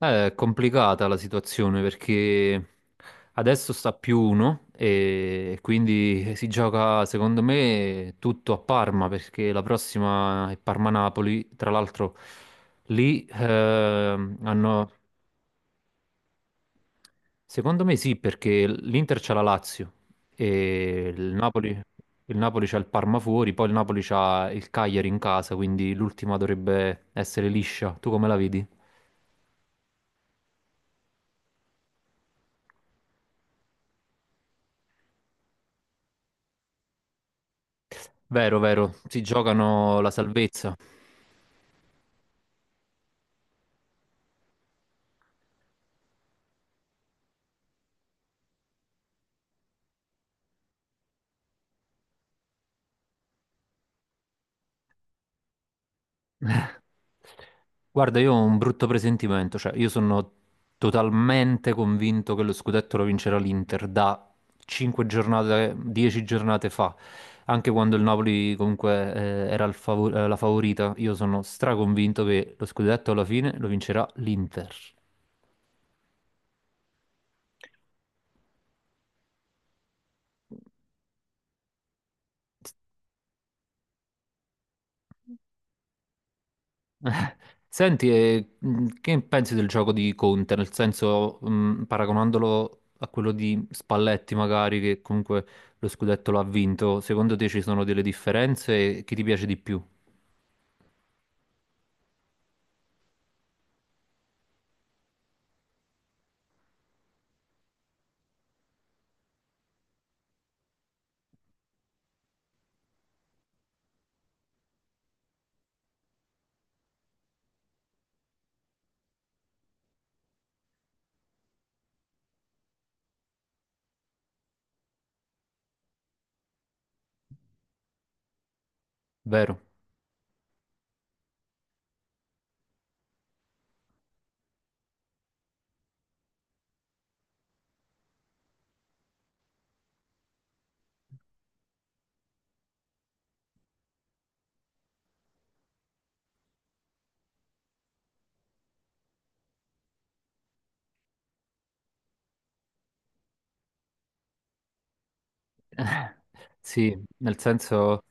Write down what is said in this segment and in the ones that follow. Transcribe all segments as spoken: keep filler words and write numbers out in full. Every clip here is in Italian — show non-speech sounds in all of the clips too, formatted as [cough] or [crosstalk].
Eh, È complicata la situazione perché adesso sta più uno e quindi si gioca secondo me tutto a Parma perché la prossima è Parma-Napoli. Tra l'altro lì ehm, hanno... Secondo me sì perché l'Inter c'ha la Lazio e il Napoli, il Napoli c'ha il Parma fuori, poi il Napoli c'ha il Cagliari in casa, quindi l'ultima dovrebbe essere liscia. Tu come la vedi? Vero, vero, si giocano la salvezza. [laughs] Guarda, io ho un brutto presentimento, cioè io sono totalmente convinto che lo scudetto lo vincerà l'Inter da cinque giornate, dieci giornate fa, anche quando il Napoli comunque eh, era il favo- eh, la favorita, io sono straconvinto che lo scudetto alla fine lo vincerà l'Inter. Eh, Senti, e, mh, che pensi del gioco di Conte? Nel senso, mh, paragonandolo a quello di Spalletti, magari, che comunque lo scudetto l'ha vinto, secondo te ci sono delle differenze e chi ti piace di più? Vero? [laughs] Eh, sì, nel senso,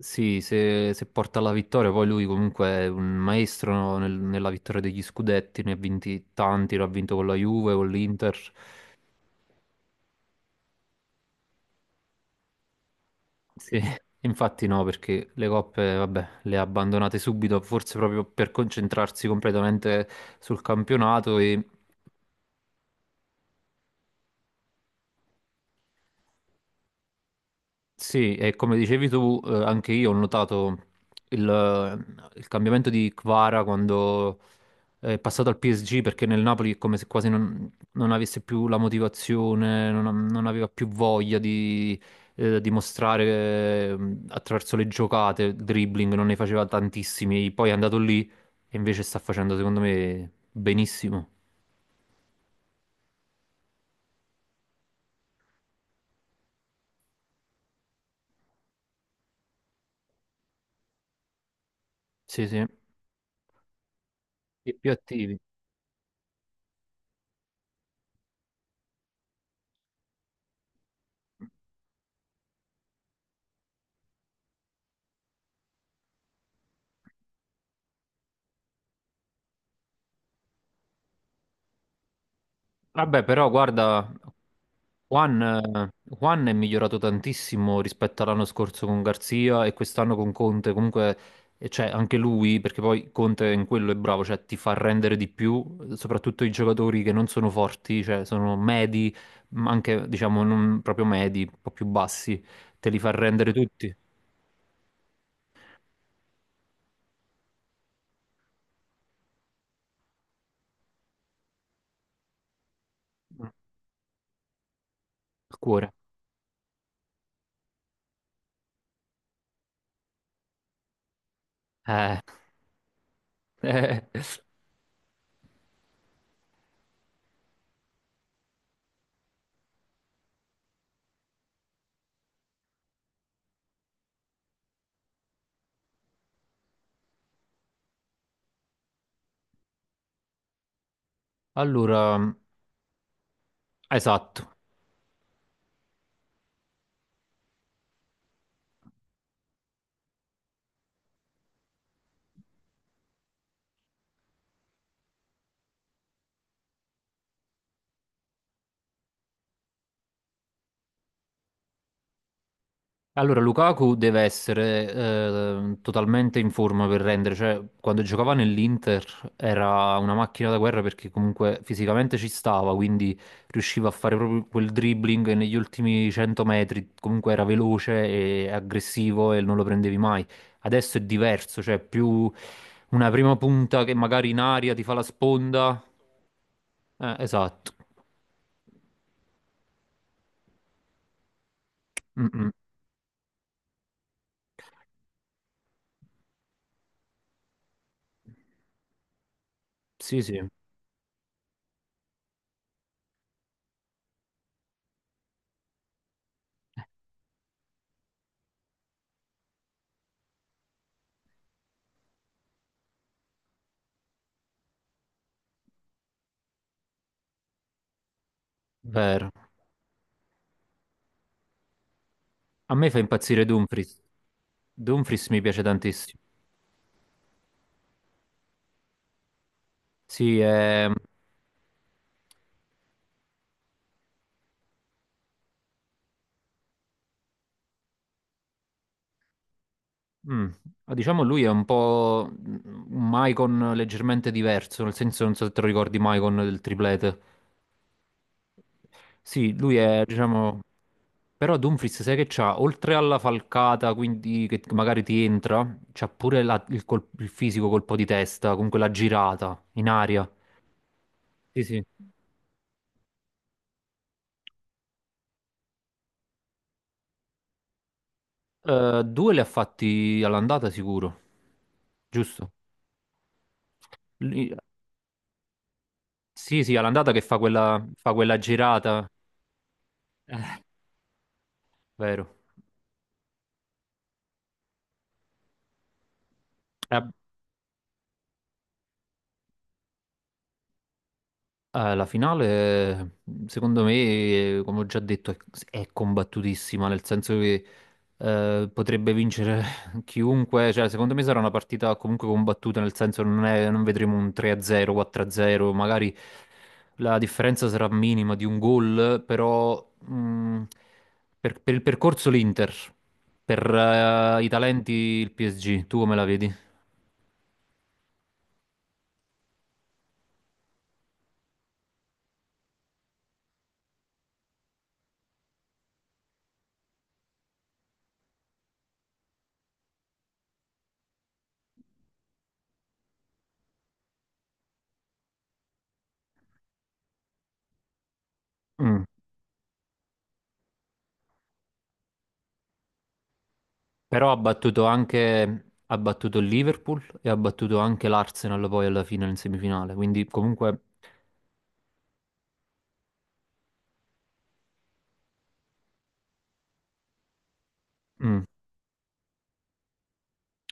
sì, se, se porta alla vittoria, poi lui comunque è un maestro nel- nella vittoria degli scudetti, ne ha vinti tanti, l'ha vinto con la Juve, con l'Inter. Sì, [laughs] infatti no, perché le coppe, vabbè, le ha abbandonate subito, forse proprio per concentrarsi completamente sul campionato e sì, e come dicevi tu, eh, anche io ho notato il, il cambiamento di Kvara quando è passato al P S G perché nel Napoli è come se quasi non, non avesse più la motivazione, non, non aveva più voglia di eh, dimostrare eh, attraverso le giocate, il dribbling, non ne faceva tantissimi. Poi è andato lì e invece sta facendo, secondo me, benissimo. Sì, sì, e più attivi. Vabbè, però guarda, Juan, eh, Juan è migliorato tantissimo rispetto all'anno scorso con Garzia e quest'anno con Conte. Comunque, eh, cioè, anche lui, perché poi Conte in quello è bravo, cioè ti fa rendere di più, eh, soprattutto i giocatori che non sono forti, cioè sono medi, ma anche diciamo non proprio medi, un po' più bassi, te li fa rendere tutti. Il cuore. Eh, [laughs] eh. Allora, esatto. Allora, Lukaku deve essere eh, totalmente in forma per rendere, cioè quando giocava nell'Inter era una macchina da guerra perché comunque fisicamente ci stava, quindi riusciva a fare proprio quel dribbling e negli ultimi cento metri, comunque era veloce e aggressivo e non lo prendevi mai. Adesso è diverso, cioè è più una prima punta che magari in aria ti fa la sponda. Eh, esatto. Mm, mm. Sì, sì, vero. A me fa impazzire Dumfries. Dumfries mi piace tantissimo. Sì, è- mm, diciamo lui è un po' un Maicon leggermente diverso, nel senso non so se te lo ricordi Maicon del triplete. Sì, lui è, diciamo, però Dumfries sai che c'ha, oltre alla falcata, quindi che magari ti entra, c'ha pure la- il, col- il fisico colpo di testa, comunque la girata in aria. Sì, sì. Eh, due li ha fatti all'andata sicuro, giusto? Lì- Sì, sì, all'andata che fa quella, fa quella girata, [laughs] vero? Eh, eh, la finale, secondo me, come ho già detto, è, è combattutissima, nel senso che eh, potrebbe vincere [laughs] chiunque, cioè secondo me sarà una partita comunque combattuta, nel senso non è- non vedremo un tre a zero, quattro a zero, magari la differenza sarà minima di un gol, però mh, per, per il percorso l'Inter, per eh, i talenti il P S G, tu come la vedi? Mm. Però ha battuto anche, ha battuto il Liverpool e ha battuto anche l'Arsenal poi alla fine in semifinale, quindi comunque, mm,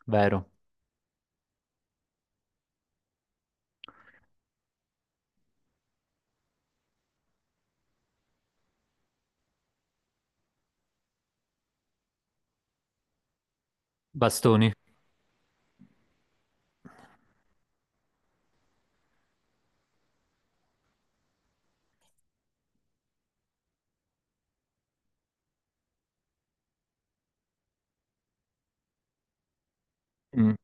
vero, bastoni. Mm.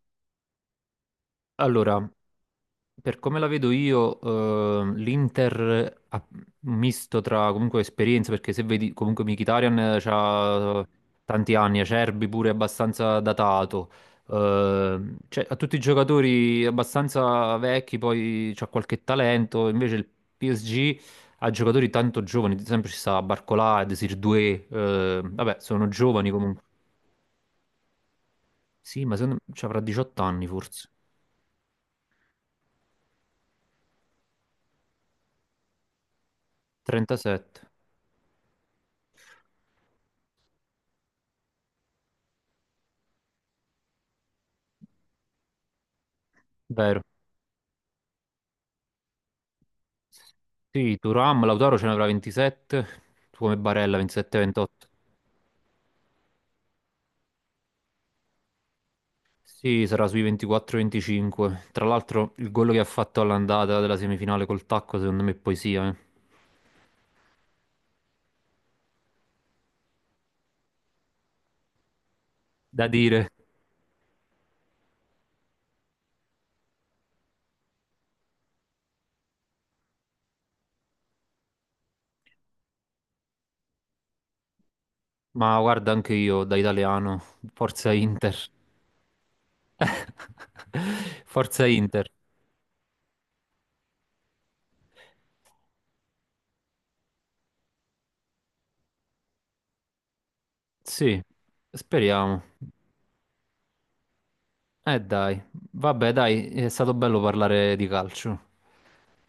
Allora, per come la vedo io, eh, l'Inter ha un misto tra comunque esperienza, perché se vedi comunque Mkhitaryan ha tanti anni, Acerbi pure abbastanza datato, eh, cioè, ha tutti i giocatori abbastanza vecchi, poi c'ha qualche talento, invece il P S G ha giocatori tanto giovani, ad esempio ci sta Barcolà, Desir Doué, eh, vabbè sono giovani comunque, sì ma secondo me ci avrà diciotto anni forse, trentasette, vero? Sì, Turam, Lautaro ce ne avrà ventisette, come Barella ventisette ventotto. Sì, sarà sui ventiquattro venticinque. Tra l'altro il gol che ha fatto all'andata della semifinale col tacco secondo me è poesia, eh. Da dire, ma guarda anche io da italiano, forza Inter. [laughs] Forza Inter. Sì, speriamo. Eh dai, vabbè dai, è stato bello parlare di calcio.